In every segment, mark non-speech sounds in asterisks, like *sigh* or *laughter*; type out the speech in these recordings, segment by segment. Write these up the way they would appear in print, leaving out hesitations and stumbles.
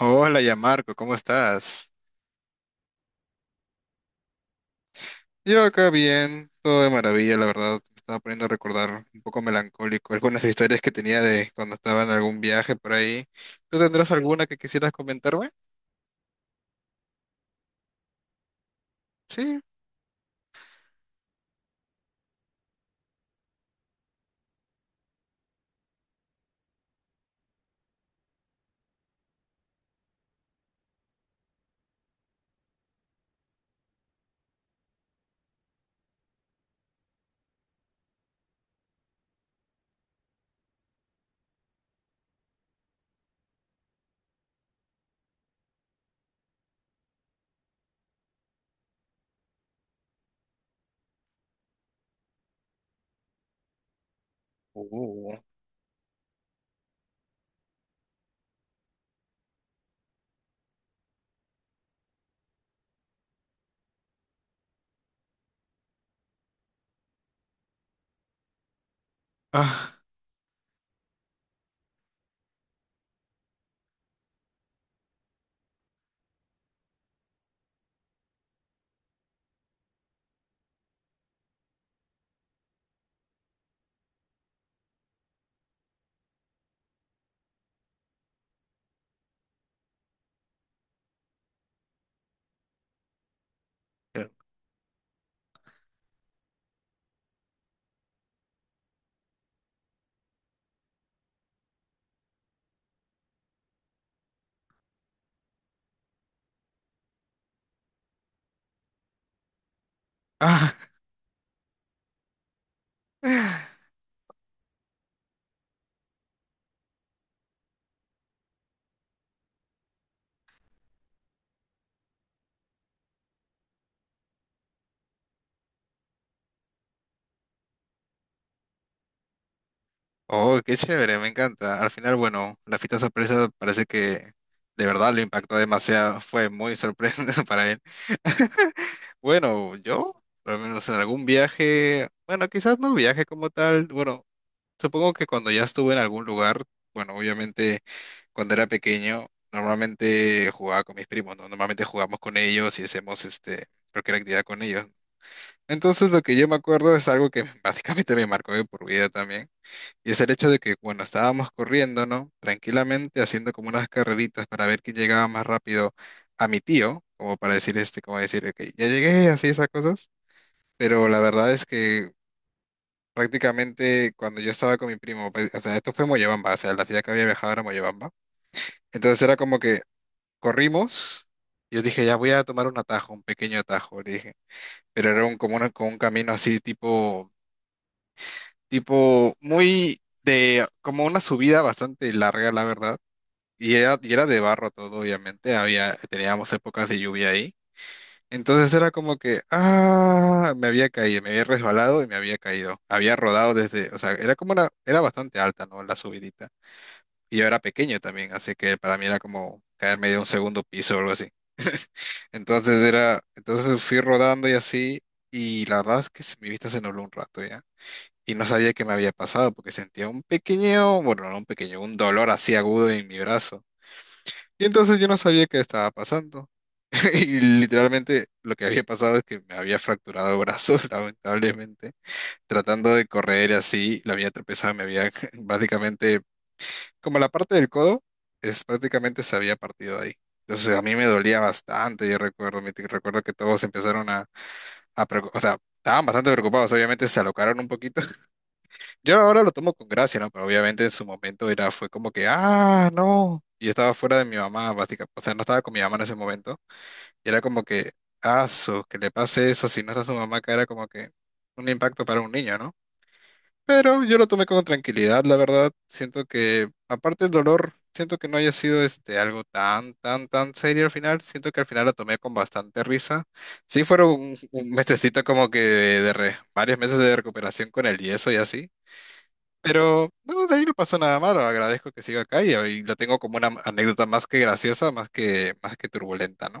Hola, ya Marco, ¿cómo estás? Yo acá bien, todo de maravilla, la verdad. Me estaba poniendo a recordar un poco melancólico algunas historias que tenía de cuando estaba en algún viaje por ahí. ¿Tú tendrás alguna que quisieras comentarme? Sí. Uh, Ah, eh, ah. *laughs* Oh, qué chévere, me encanta. Al final, bueno, la fiesta sorpresa parece que de verdad lo impactó demasiado. Fue muy sorpresa *laughs* para él. *laughs* Bueno, yo, al menos en algún viaje, bueno, quizás no viaje como tal, bueno. Supongo que cuando ya estuve en algún lugar, bueno, obviamente cuando era pequeño, normalmente jugaba con mis primos, ¿no? Normalmente jugamos con ellos y hacemos este, cualquier actividad con ellos. Entonces lo que yo me acuerdo es algo que *laughs* básicamente me marcó de por vida también, y es el hecho de que cuando estábamos corriendo, ¿no? Tranquilamente haciendo como unas carreritas para ver quién llegaba más rápido a mi tío, como para decir este, como decir, ok, ya llegué, así esas cosas, pero la verdad es que prácticamente cuando yo estaba con mi primo, pues, o sea, esto fue Moyobamba, o sea, la ciudad que había viajado era Moyobamba. Entonces era como que corrimos, yo dije, ya voy a tomar un atajo, un pequeño atajo, le dije, pero era un, como, una- como un camino así tipo, tipo muy de, como una subida bastante larga, la verdad. Y era de barro todo, obviamente, había, teníamos épocas de lluvia ahí. Entonces era como que, ah, me había caído, me había resbalado y me había caído. Había rodado desde, o sea, era como una, era bastante alta, ¿no? La subidita. Y yo era pequeño también, así que para mí era como caerme de un segundo piso o algo así. Entonces era, entonces fui rodando y así, y la verdad es que mi vista se nubló un rato ya. Y no sabía qué me había pasado porque sentía un pequeño, bueno, no un pequeño, un dolor así agudo en mi brazo. Y entonces yo no sabía qué estaba pasando. Y literalmente lo que había pasado es que me había fracturado el brazo, *laughs* lamentablemente. Tratando de correr así, la había tropezado, me había *laughs* básicamente, como la parte del codo, es prácticamente se había partido ahí. Entonces a mí me dolía bastante, yo recuerdo, me- recuerdo que todos empezaron a preocu- o sea, estaban bastante preocupados, obviamente se alocaron un poquito. *laughs* Yo ahora lo tomo con gracia, ¿no? Pero obviamente en su momento era, fue como que, ah, no. Y yo estaba fuera de mi mamá, básicamente, o sea, no estaba con mi mamá en ese momento. Y era como que, aso, que le pase eso si no está su mamá, que era como que un impacto para un niño, ¿no? Pero yo lo tomé con tranquilidad, la verdad. Siento que, aparte del dolor, siento que no haya sido este algo tan, tan, tan serio al final. Siento que al final lo tomé con bastante risa. Sí fueron un mesecito como que de re- varios meses de recuperación con el yeso y así. Pero no, de ahí no pasó nada malo. Agradezco que siga acá y lo tengo como una anécdota más que graciosa, más que turbulenta, ¿no?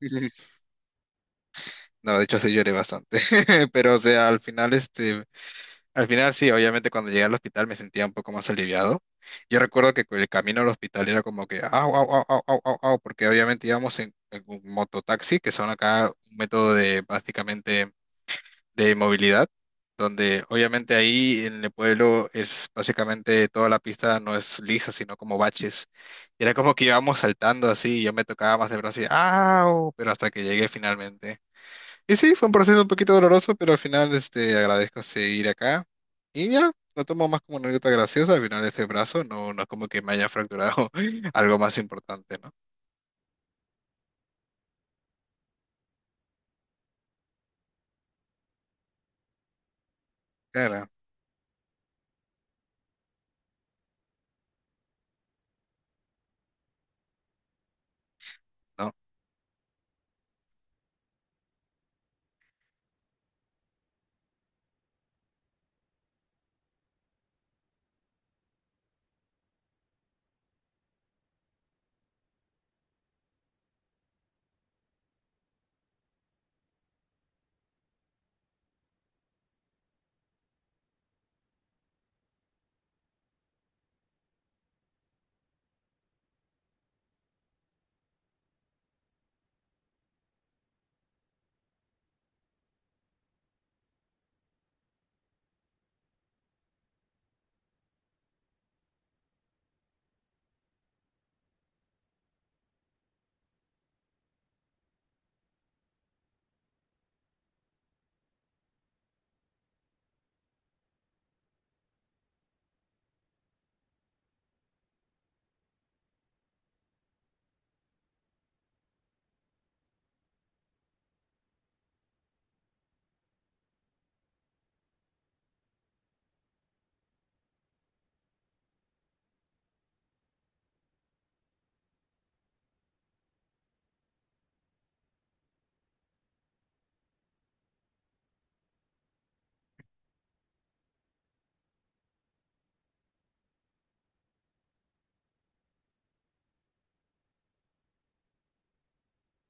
*laughs* No, de hecho sí lloré bastante. *laughs* Pero, o sea, al final, este, al final sí, obviamente cuando llegué al hospital me sentía un poco más aliviado. Yo recuerdo que el camino al hospital era como que, au, au, au, au, au, au, au", porque obviamente íbamos en un mototaxi, que son acá un método de básicamente de movilidad, donde obviamente ahí en el pueblo es básicamente toda la pista no es lisa, sino como baches. Y era como que íbamos saltando así, y yo me tocaba más de brazo y, au, pero hasta que llegué finalmente. Y sí, fue un proceso un poquito doloroso, pero al final este, agradezco seguir acá. Y ya, lo tomo más como una anécdota graciosa. Al final este brazo no, no es como que me haya fracturado *laughs* algo más importante, ¿no? Claro, no.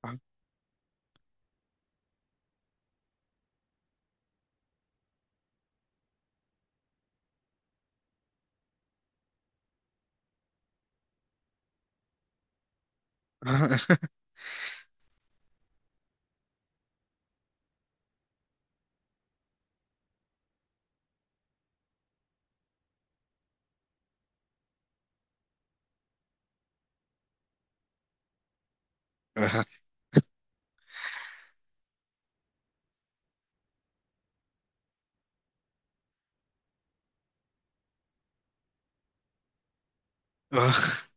Ah, ah, *laughs* ah,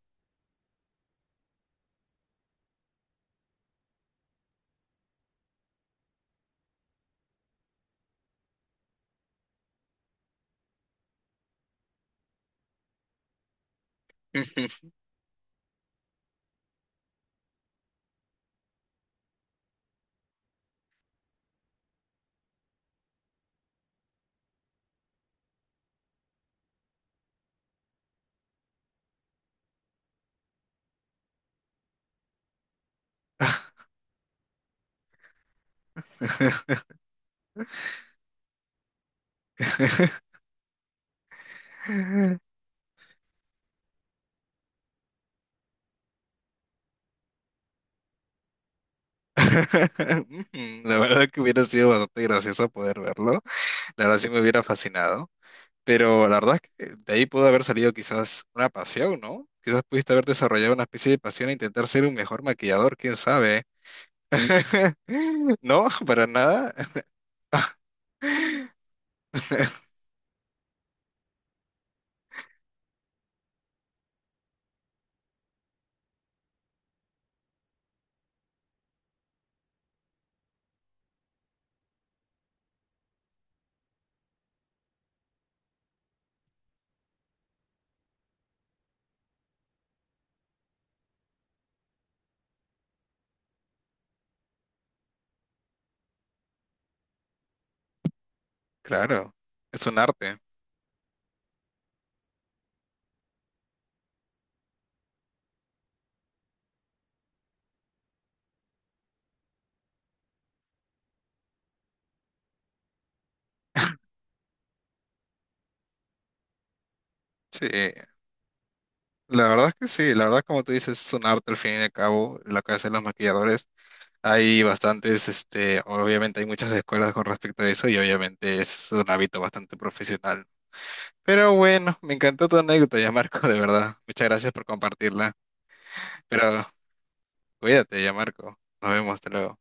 ah. *laughs* La verdad que hubiera sido bastante gracioso poder verlo. La verdad sí me hubiera fascinado. Pero la verdad es que de ahí pudo haber salido quizás una pasión, ¿no? Quizás pudiste haber desarrollado una especie de pasión e intentar ser un mejor maquillador, quién sabe. *laughs* No, para nada. *laughs* Claro, es un arte. Sí, la verdad es que sí, la verdad como tú dices, es un arte al fin y al cabo, lo que hacen los maquilladores. Hay bastantes, este, obviamente hay muchas escuelas con respecto a eso y obviamente es un hábito bastante profesional. Pero bueno, me encantó tu anécdota ya, Marco, de verdad. Muchas gracias por compartirla. Pero cuídate ya, Marco. Nos vemos, hasta luego.